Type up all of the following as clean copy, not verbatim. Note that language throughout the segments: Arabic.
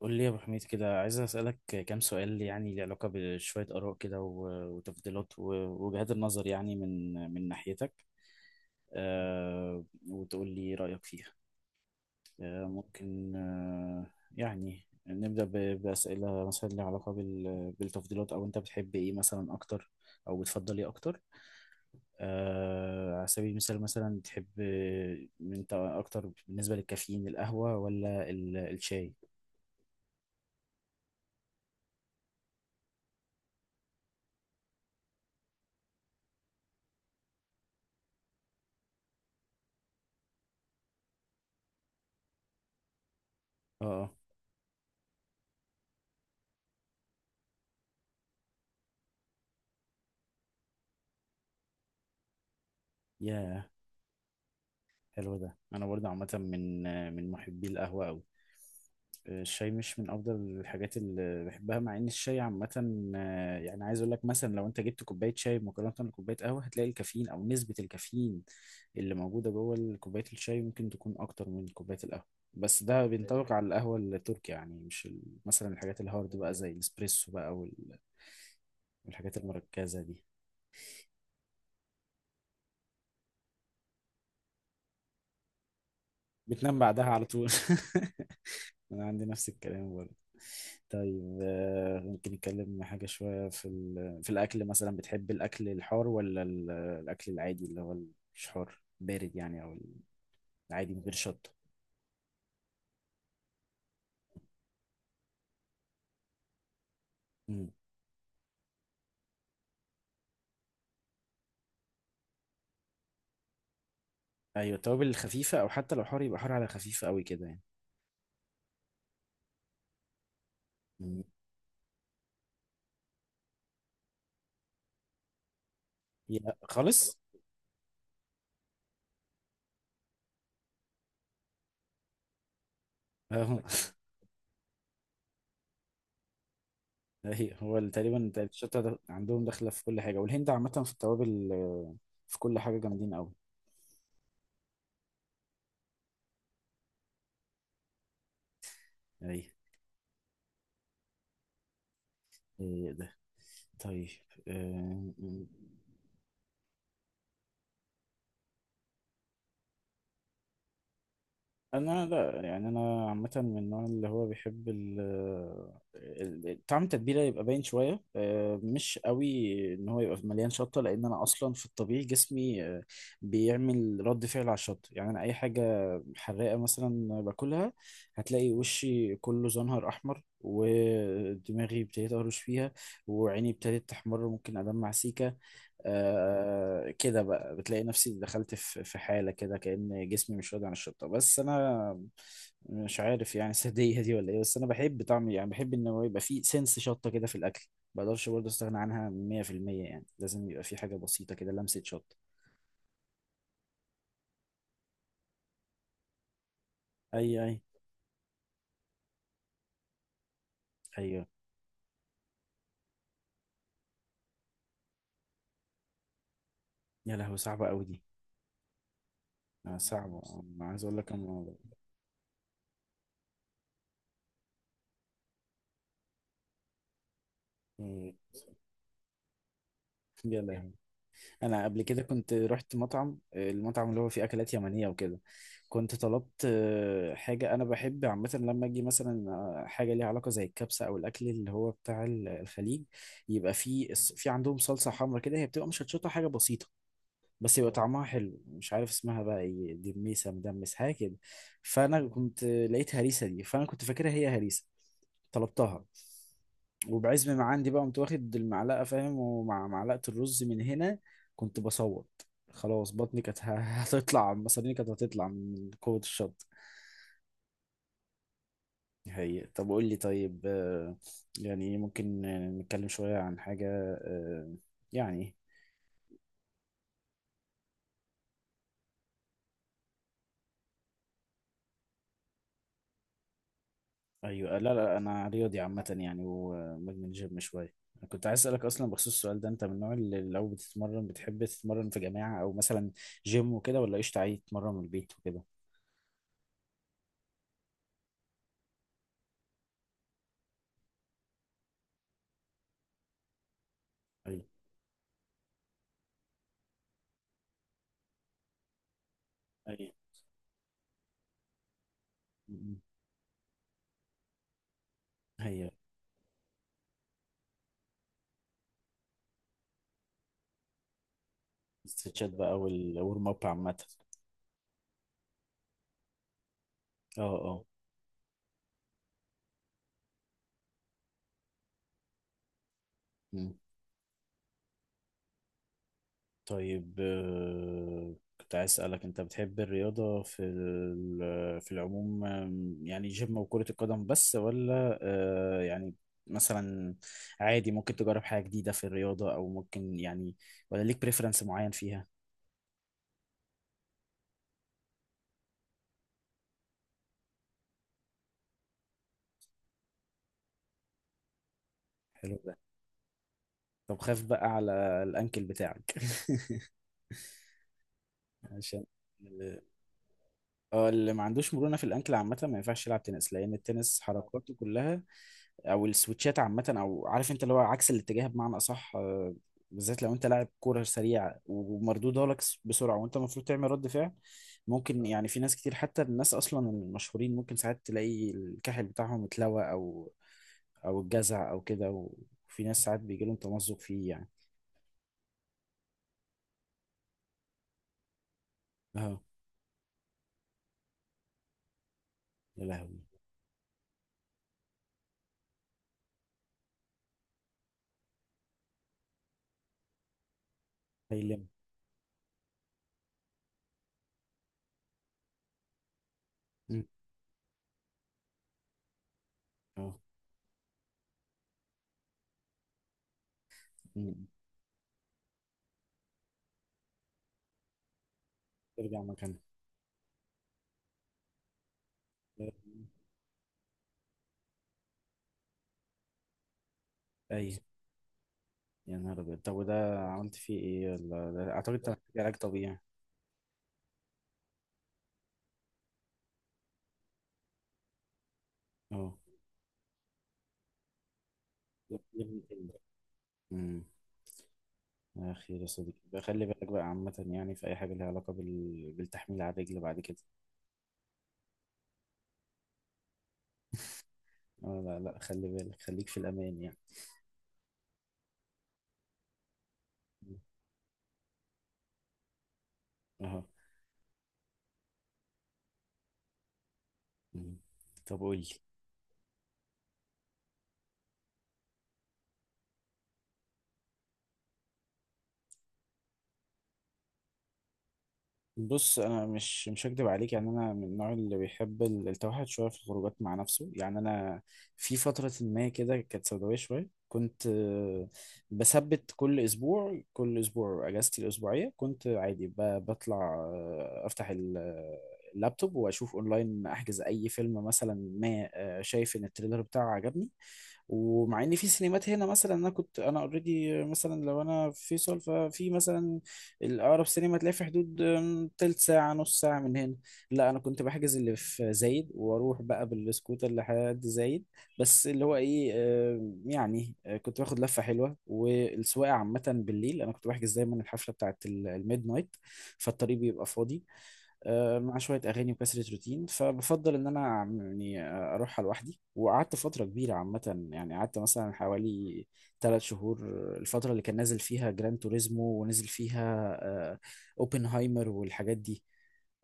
قول لي يا ابو حميد كده، عايز اسالك كام سؤال يعني ليه علاقه بشويه اراء كده وتفضيلات ووجهات النظر يعني من ناحيتك. آه وتقول لي رايك فيها. ممكن. يعني نبدا باسئله مثلا ليها علاقه بالتفضيلات، او انت بتحب ايه مثلا اكتر او بتفضل ايه اكتر؟ على سبيل المثال مثلا، تحب انت اكتر بالنسبه للكافيين القهوه ولا الشاي؟ اه آه. ياه، حلو ده. انا برضه عامه من محبي القهوه قوي. الشاي مش من افضل الحاجات اللي بحبها، مع ان الشاي عامه، يعني عايز اقول لك، مثلا لو انت جبت كوبايه شاي مقارنه بكوبايه قهوه، هتلاقي الكافيين او نسبه الكافيين اللي موجوده جوه كوبايه الشاي ممكن تكون اكتر من كوبايه القهوه. بس ده بينطبق على القهوه التركي يعني، مش مثلا الحاجات الهارد بقى زي الاسبريسو بقى والحاجات المركزه دي. بتنام بعدها على طول؟ انا عندي نفس الكلام برضه. طيب، ممكن نتكلم حاجة شوية في الأكل. مثلا بتحب الأكل الحار ولا الأكل العادي اللي هو مش حار، بارد يعني، أو العادي من غير شطة؟ مم. أيوة، التوابل الخفيفة، أو حتى لو حار يبقى حار على خفيف أوي كده يعني. مم. يا خالص؟ أهو. أيوة، هو تقريبا الشطة ده عندهم داخلة في كل حاجة، والهند عامة في التوابل، في كل حاجة جامدين أوي. أيوة. إيه ده. طيب. آه، انا لا، يعني انا عامه من النوع اللي هو بيحب طعم التتبيله يبقى باين شويه، مش قوي ان هو يبقى مليان شطه، لان انا اصلا في الطبيعي جسمي بيعمل رد فعل على الشطه. يعني انا اي حاجه حراقه مثلا باكلها، هتلاقي وشي كله زنهر احمر، ودماغي ابتديت اهرش فيها، وعيني ابتدت تحمر، ممكن ادمع سيكه. كده بقى بتلاقي نفسي دخلت في حالة كده كأن جسمي مش راضي عن الشطة. بس أنا مش عارف يعني، السادية دي ولا إيه؟ بس أنا بحب طعم، يعني بحب إن هو يبقى فيه سنس شطة كده في الأكل. ما بقدرش برضه أستغنى عنها. 100% يعني لازم يبقى فيه حاجة بسيطة كده، لمسة شطة. أي أيوه. يا لهوي، صعبة أوي دي. صعبة. أنا عايز أقول لك أنا، آه، يا لهوي. انا قبل كده كنت رحت مطعم، المطعم اللي هو فيه اكلات يمنيه وكده، كنت طلبت حاجه. انا بحب عامه لما اجي مثلا حاجه ليها علاقه زي الكبسه او الاكل اللي هو بتاع الخليج، يبقى فيه في عندهم صلصه حمراء كده، هي بتبقى مشطشطه حاجه بسيطه بس يبقى طعمها حلو، مش عارف اسمها بقى ايه، دميسه، مدمس، حاجه كده. فانا كنت لقيت هريسه دي، فانا كنت فاكرها هي هريسه، طلبتها وبعزم ما عندي بقى قمت واخد المعلقه، فاهم، ومع معلقه الرز من هنا كنت بصوت، خلاص بطني كانت هتطلع، مصاريني كانت هتطلع من قوه الشط. هي طب قول لي، طيب، يعني ممكن نتكلم شويه عن حاجه آه، يعني. ايوه، لا لا، انا رياضي عامه يعني، ومدمن جيم شويه. أنا كنت عايز اسالك اصلا بخصوص السؤال ده، انت من النوع اللي لو بتتمرن بتحب تتمرن في جماعه، او مثلا جيم وكده، ولا قشطه عادي تتمرن من البيت وكده؟ ايوه ايوه. م- م. هي استرتشات بقى والورم اب عامه. اه اه. م. طيب، كنت عايز أسألك، أنت بتحب الرياضة في العموم، يعني جيم وكرة القدم بس، ولا يعني مثلا عادي ممكن تجرب حاجة جديدة في الرياضة، أو ممكن يعني، ولا ليك بريفرنس معين فيها؟ حلو ده. طب خاف بقى على الأنكل بتاعك عشان اه اللي ما عندوش مرونة في الأنكل عامة ما ينفعش يلعب تنس، لأن التنس حركاته كلها، او السويتشات عامه، او عارف انت اللي هو عكس الاتجاه بمعنى اصح، بالذات لو انت لاعب كوره سريع ومردودها لك بسرعه وانت المفروض تعمل رد فعل، ممكن يعني في ناس كتير، حتى الناس اصلا المشهورين ممكن ساعات تلاقي الكاحل بتاعهم اتلوى، او الجزع او كده، وفي ناس ساعات بيجي لهم تمزق فيه يعني. اه. يا لهوي. هيلم. مم. اه. مم. ترجع مكانها. اي. يا نهار ابيض، طب وده عملت فيه ايه؟ ولا اعتقد ده محتاج علاج طبيعي. اه. يا ابن مم. يا أخي، يا صديقي بقى، خلي بالك بقى عامة يعني في أي حاجة ليها علاقة بالتحميل على الرجل بعد كده. اه، لا لا، خلي بالك، خليك في الأمان يعني. مم. أهو. مم. طب قول لي. بص، انا مش هكدب عليك، يعني انا من النوع اللي بيحب التوحد شويه في الخروجات مع نفسه. يعني انا في فتره ما كده كانت سوداويه شويه، كنت بثبت كل اسبوع، كل اسبوع اجازتي الاسبوعيه كنت عادي بطلع، افتح اللابتوب واشوف اونلاين، احجز اي فيلم مثلا ما شايف ان التريلر بتاعه عجبني. ومع ان في سينمات هنا مثلا، انا كنت انا اوريدي مثلا، لو انا في فيصل، ففي مثلا الأقرب سينما تلاقي في حدود تلت ساعة، نص ساعة من هنا. لا، أنا كنت بحجز اللي في زايد وأروح بقى بالسكوتر لحد زايد، بس اللي هو إيه، يعني كنت باخد لفة حلوة، والسواقة عامة بالليل، أنا كنت بحجز دايما الحفلة بتاعت الميد نايت، فالطريق بيبقى فاضي، مع شوية أغاني وكسرة روتين، فبفضل إن أنا يعني أروحها لوحدي. وقعدت فترة كبيرة عامة، يعني قعدت مثلا حوالي ثلاث شهور، الفترة اللي كان نازل فيها جران توريزمو، ونزل فيها آه، أوبنهايمر والحاجات دي.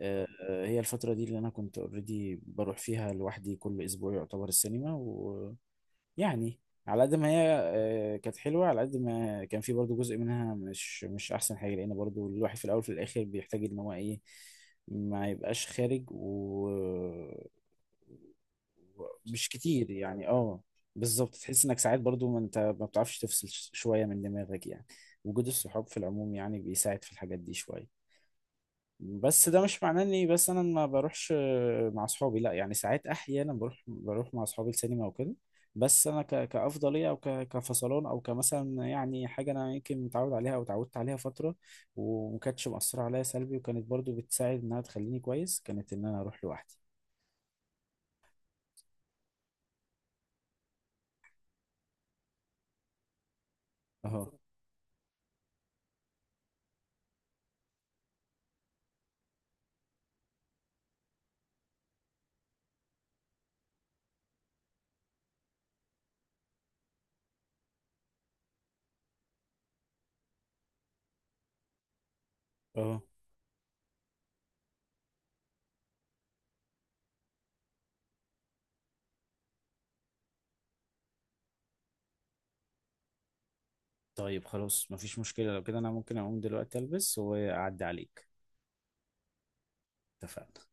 هي الفترة دي اللي أنا كنت أوريدي بروح فيها لوحدي كل أسبوع يعتبر السينما يعني. على قد ما هي كانت حلوة، على قد ما كان في برضو جزء منها مش أحسن حاجة، لأن برضو الواحد في الأول وفي الآخر بيحتاج إن هو إيه، ما يبقاش خارج مش كتير يعني. اه بالظبط، تحس إنك ساعات برضو، ما أنت ما بتعرفش تفصل شوية من دماغك يعني. وجود الصحاب في العموم يعني بيساعد في الحاجات دي شوية. بس ده مش معناه اني بس انا ما بروحش مع اصحابي، لا يعني ساعات، احيانا بروح مع اصحابي السينما وكده. بس انا كافضليه، او كفصلان، او كمثلا يعني حاجه انا يمكن متعود عليها، او اتعودت عليها فتره وما كانتش مأثره عليا سلبي، وكانت برضو بتساعد انها تخليني كويس، كانت ان انا اروح لوحدي. اهو اهو. طيب خلاص، مفيش مشكله، لو كده انا ممكن اقوم دلوقتي البس واعدي عليك. اتفقنا.